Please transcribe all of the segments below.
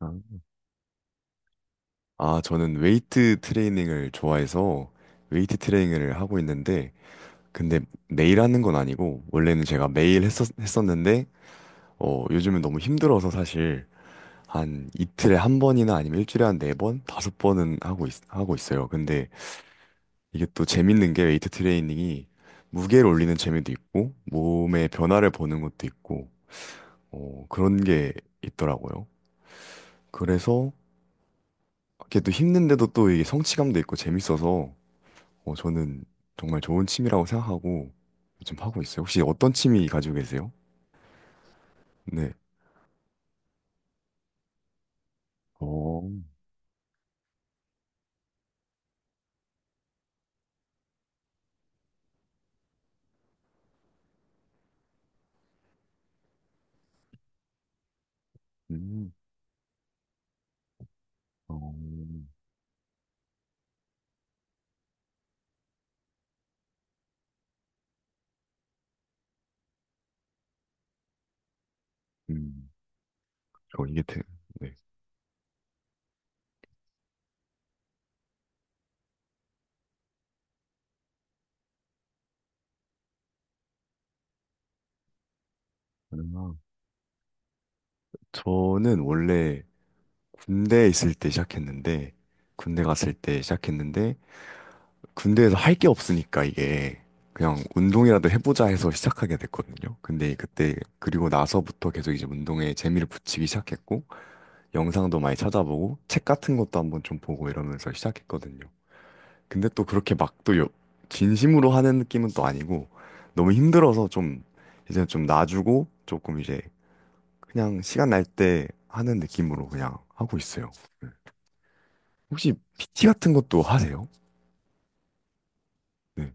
아, 아, 저는 웨이트 트레이닝을 좋아해서 웨이트 트레이닝을 하고 있는데, 근데 매일 하는 건 아니고, 원래는 제가 매일 했었는데, 요즘은 너무 힘들어서 사실 한 이틀에 한 번이나 아니면 일주일에 한 네 번, 다섯 번은 하고 있어요. 근데 이게 또 재밌는 게 웨이트 트레이닝이 무게를 올리는 재미도 있고 몸의 변화를 보는 것도 있고 그런 게 있더라고요. 그래서 이게 또 힘든데도 또 이게 성취감도 있고 재밌어서 저는 정말 좋은 취미라고 생각하고 요즘 하고 있어요. 혹시 어떤 취미 가지고 계세요? 네. 어, 음, 어, 음, 이게 네. 아, 저는 원래 군대에 있을 때 시작했는데, 군대 갔을 때 시작했는데, 군대에서 할 게 없으니까 이게 그냥 운동이라도 해보자 해서 시작하게 됐거든요. 근데 그때 그리고 나서부터 계속 이제 운동에 재미를 붙이기 시작했고 영상도 많이 찾아보고 책 같은 것도 한번 좀 보고 이러면서 시작했거든요. 근데 또 그렇게 막 또 진심으로 하는 느낌은 또 아니고 너무 힘들어서 좀 이제 좀 놔주고 조금 이제 그냥 시간 날 때 하는 느낌으로 그냥 하고 있어요. 네. 혹시 PT 같은 것도 하세요? 네.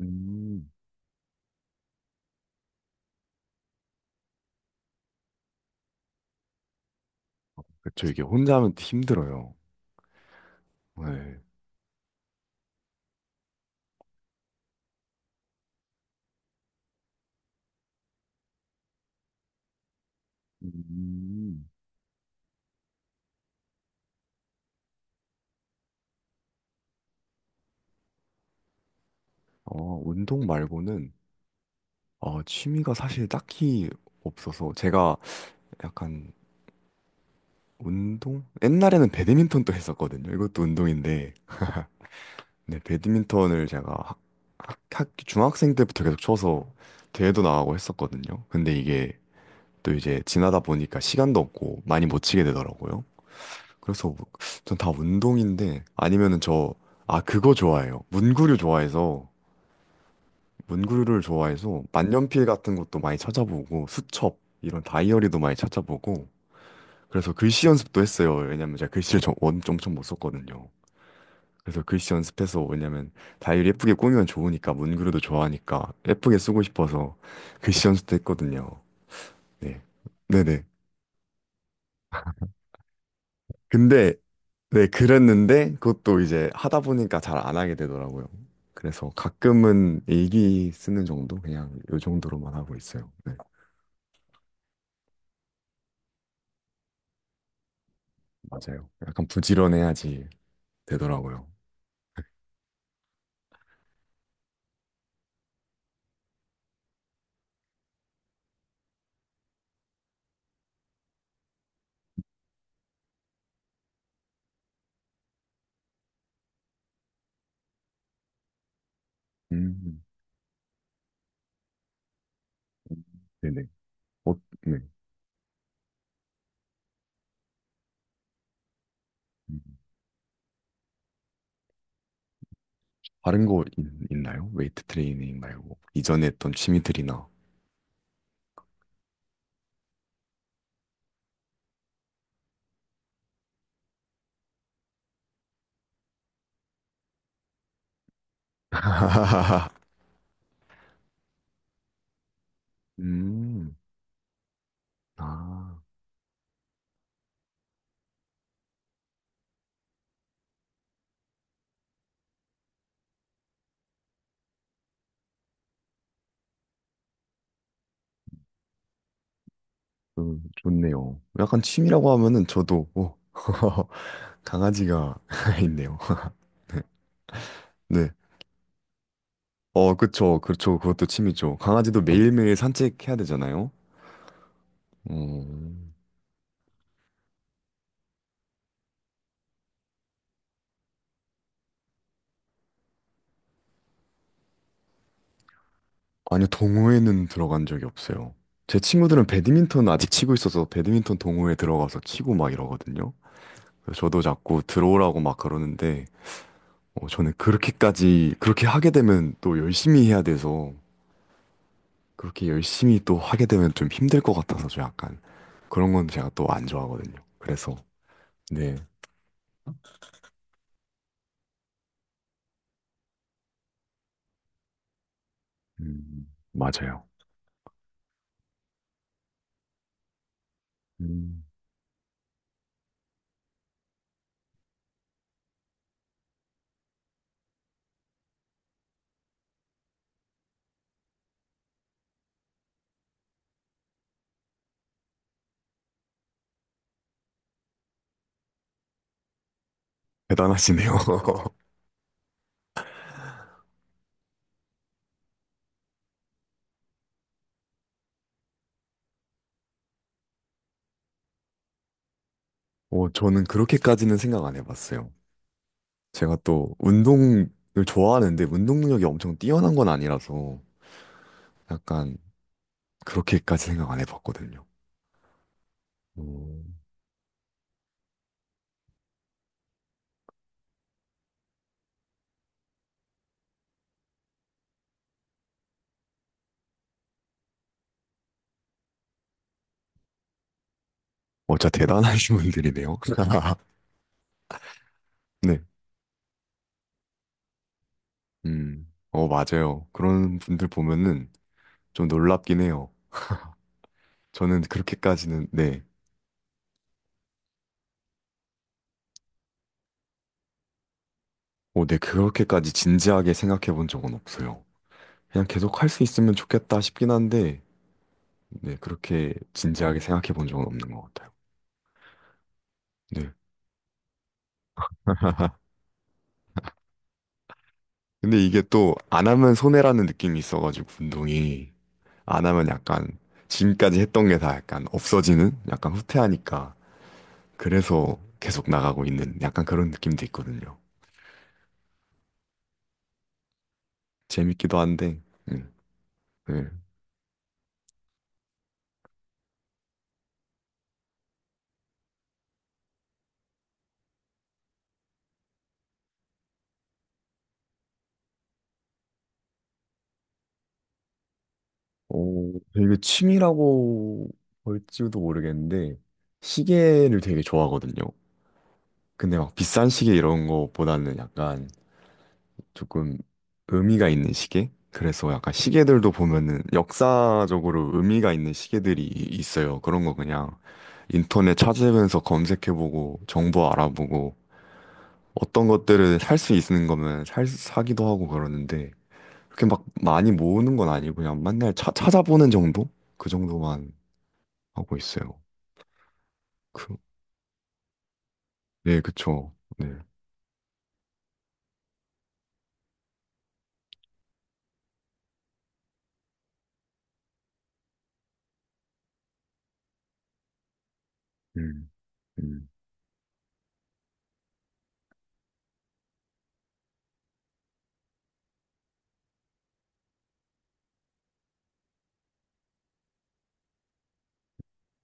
음. 그렇죠. 이게 혼자 하면 힘들어요. 네. 음. 음. 운동 말고는 취미가 사실 딱히 없어서 제가 약간 운동? 옛날에는 배드민턴도 했었거든요. 이것도 운동인데. 네, 배드민턴을 제가 중학생 때부터 계속 쳐서 대회도 나가고 했었거든요. 근데 이게 또 이제 지나다 보니까 시간도 없고 많이 못 치게 되더라고요. 그래서 전 다 운동인데 아, 그거 좋아해요. 문구류 좋아해서 문구류를 좋아해서 만년필 같은 것도 많이 찾아보고 수첩 이런 다이어리도 많이 찾아보고 그래서 글씨 연습도 했어요. 왜냐면 제가 글씨를 엄청 못 썼거든요. 그래서 글씨 연습해서 왜냐면 다이어리 예쁘게 꾸미면 좋으니까 문구류도 좋아하니까 예쁘게 쓰고 싶어서 글씨 연습도 했거든요. 네. 네네. 근데 네, 그랬는데 그것도 이제 하다 보니까 잘 안 하게 되더라고요. 그래서 가끔은 일기 쓰는 정도? 그냥 요 정도로만 하고 있어요. 네. 맞아요. 약간 부지런해야지 되더라고요. 음, 네네. 어, 네. 음. 다른 거 있나요? 웨이트 트레이닝 말고 이전에 했던 취미들이나. 음, 아, 좋네요. 약간 취미라고 하면은 저도 오, 강아지가 있네요. 네. 어, 그쵸, 그쵸. 그것도 취미죠. 강아지도 매일매일 산책해야 되잖아요. 어, 아니요, 동호회는 들어간 적이 없어요. 제 친구들은 배드민턴 아직 치고 있어서 배드민턴 동호회 들어가서 치고 막 이러거든요. 그래서 저도 자꾸 들어오라고 막 그러는데, 저는 그렇게까지, 그렇게 하게 되면 또 열심히 해야 돼서, 그렇게 열심히 또 하게 되면 좀 힘들 것 같아서 저 약간 그런 건 제가 또 안 좋아하거든요. 그래서, 네, 음, 맞아요. 음, 대단하시네요. 어, 저는 그렇게까지는 생각 안 해봤어요. 제가 또 운동을 좋아하는데 운동 능력이 엄청 뛰어난 건 아니라서 약간 그렇게까지 생각 안 해봤거든요. 오, 어, 진짜 대단하신 분들이네요. 네. 음. 어, 맞아요. 그런 분들 보면은 좀 놀랍긴 해요. 저는 그렇게까지는, 네. 어, 네, 그렇게까지 진지하게 생각해 본 적은 없어요. 그냥 계속 할 수 있으면 좋겠다 싶긴 한데, 네, 그렇게 진지하게 생각해 본 적은 없는 것 같아요. 네. 근데 이게 또 안 하면 손해라는 느낌이 있어가지고 운동이 안 하면 약간 지금까지 했던 게 다 약간 없어지는 약간 후퇴하니까 그래서 계속 나가고 있는 약간 그런 느낌도 있거든요. 재밌기도 한데, 음, 네. 어, 되게 취미라고 볼지도 모르겠는데 시계를 되게 좋아하거든요. 근데 막 비싼 시계 이런 거보다는 약간 조금 의미가 있는 시계? 그래서 약간 시계들도 보면은 역사적으로 의미가 있는 시계들이 있어요. 그런 거 그냥 인터넷 찾으면서 검색해보고 정보 알아보고 어떤 것들을 살 수 있는 거면 살, 사기도 하고 그러는데 그렇게 막 많이 모으는 건 아니고 그냥 맨날 찾아보는 정도? 그 정도만 하고 있어요. 그, 네, 그쵸. 네. 음, 음.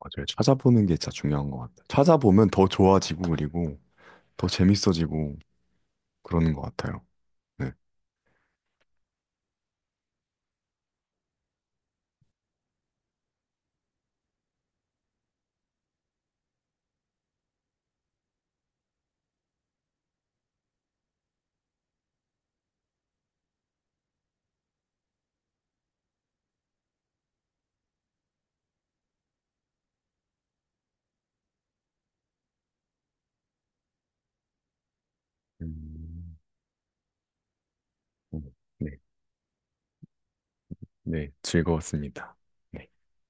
맞아요. 찾아보는 게 진짜 중요한 것 같아요. 찾아보면 더 좋아지고 그리고 더 재밌어지고 그러는 것 같아요. 네. 음, 음, 네, 네, 즐거웠습니다. 네.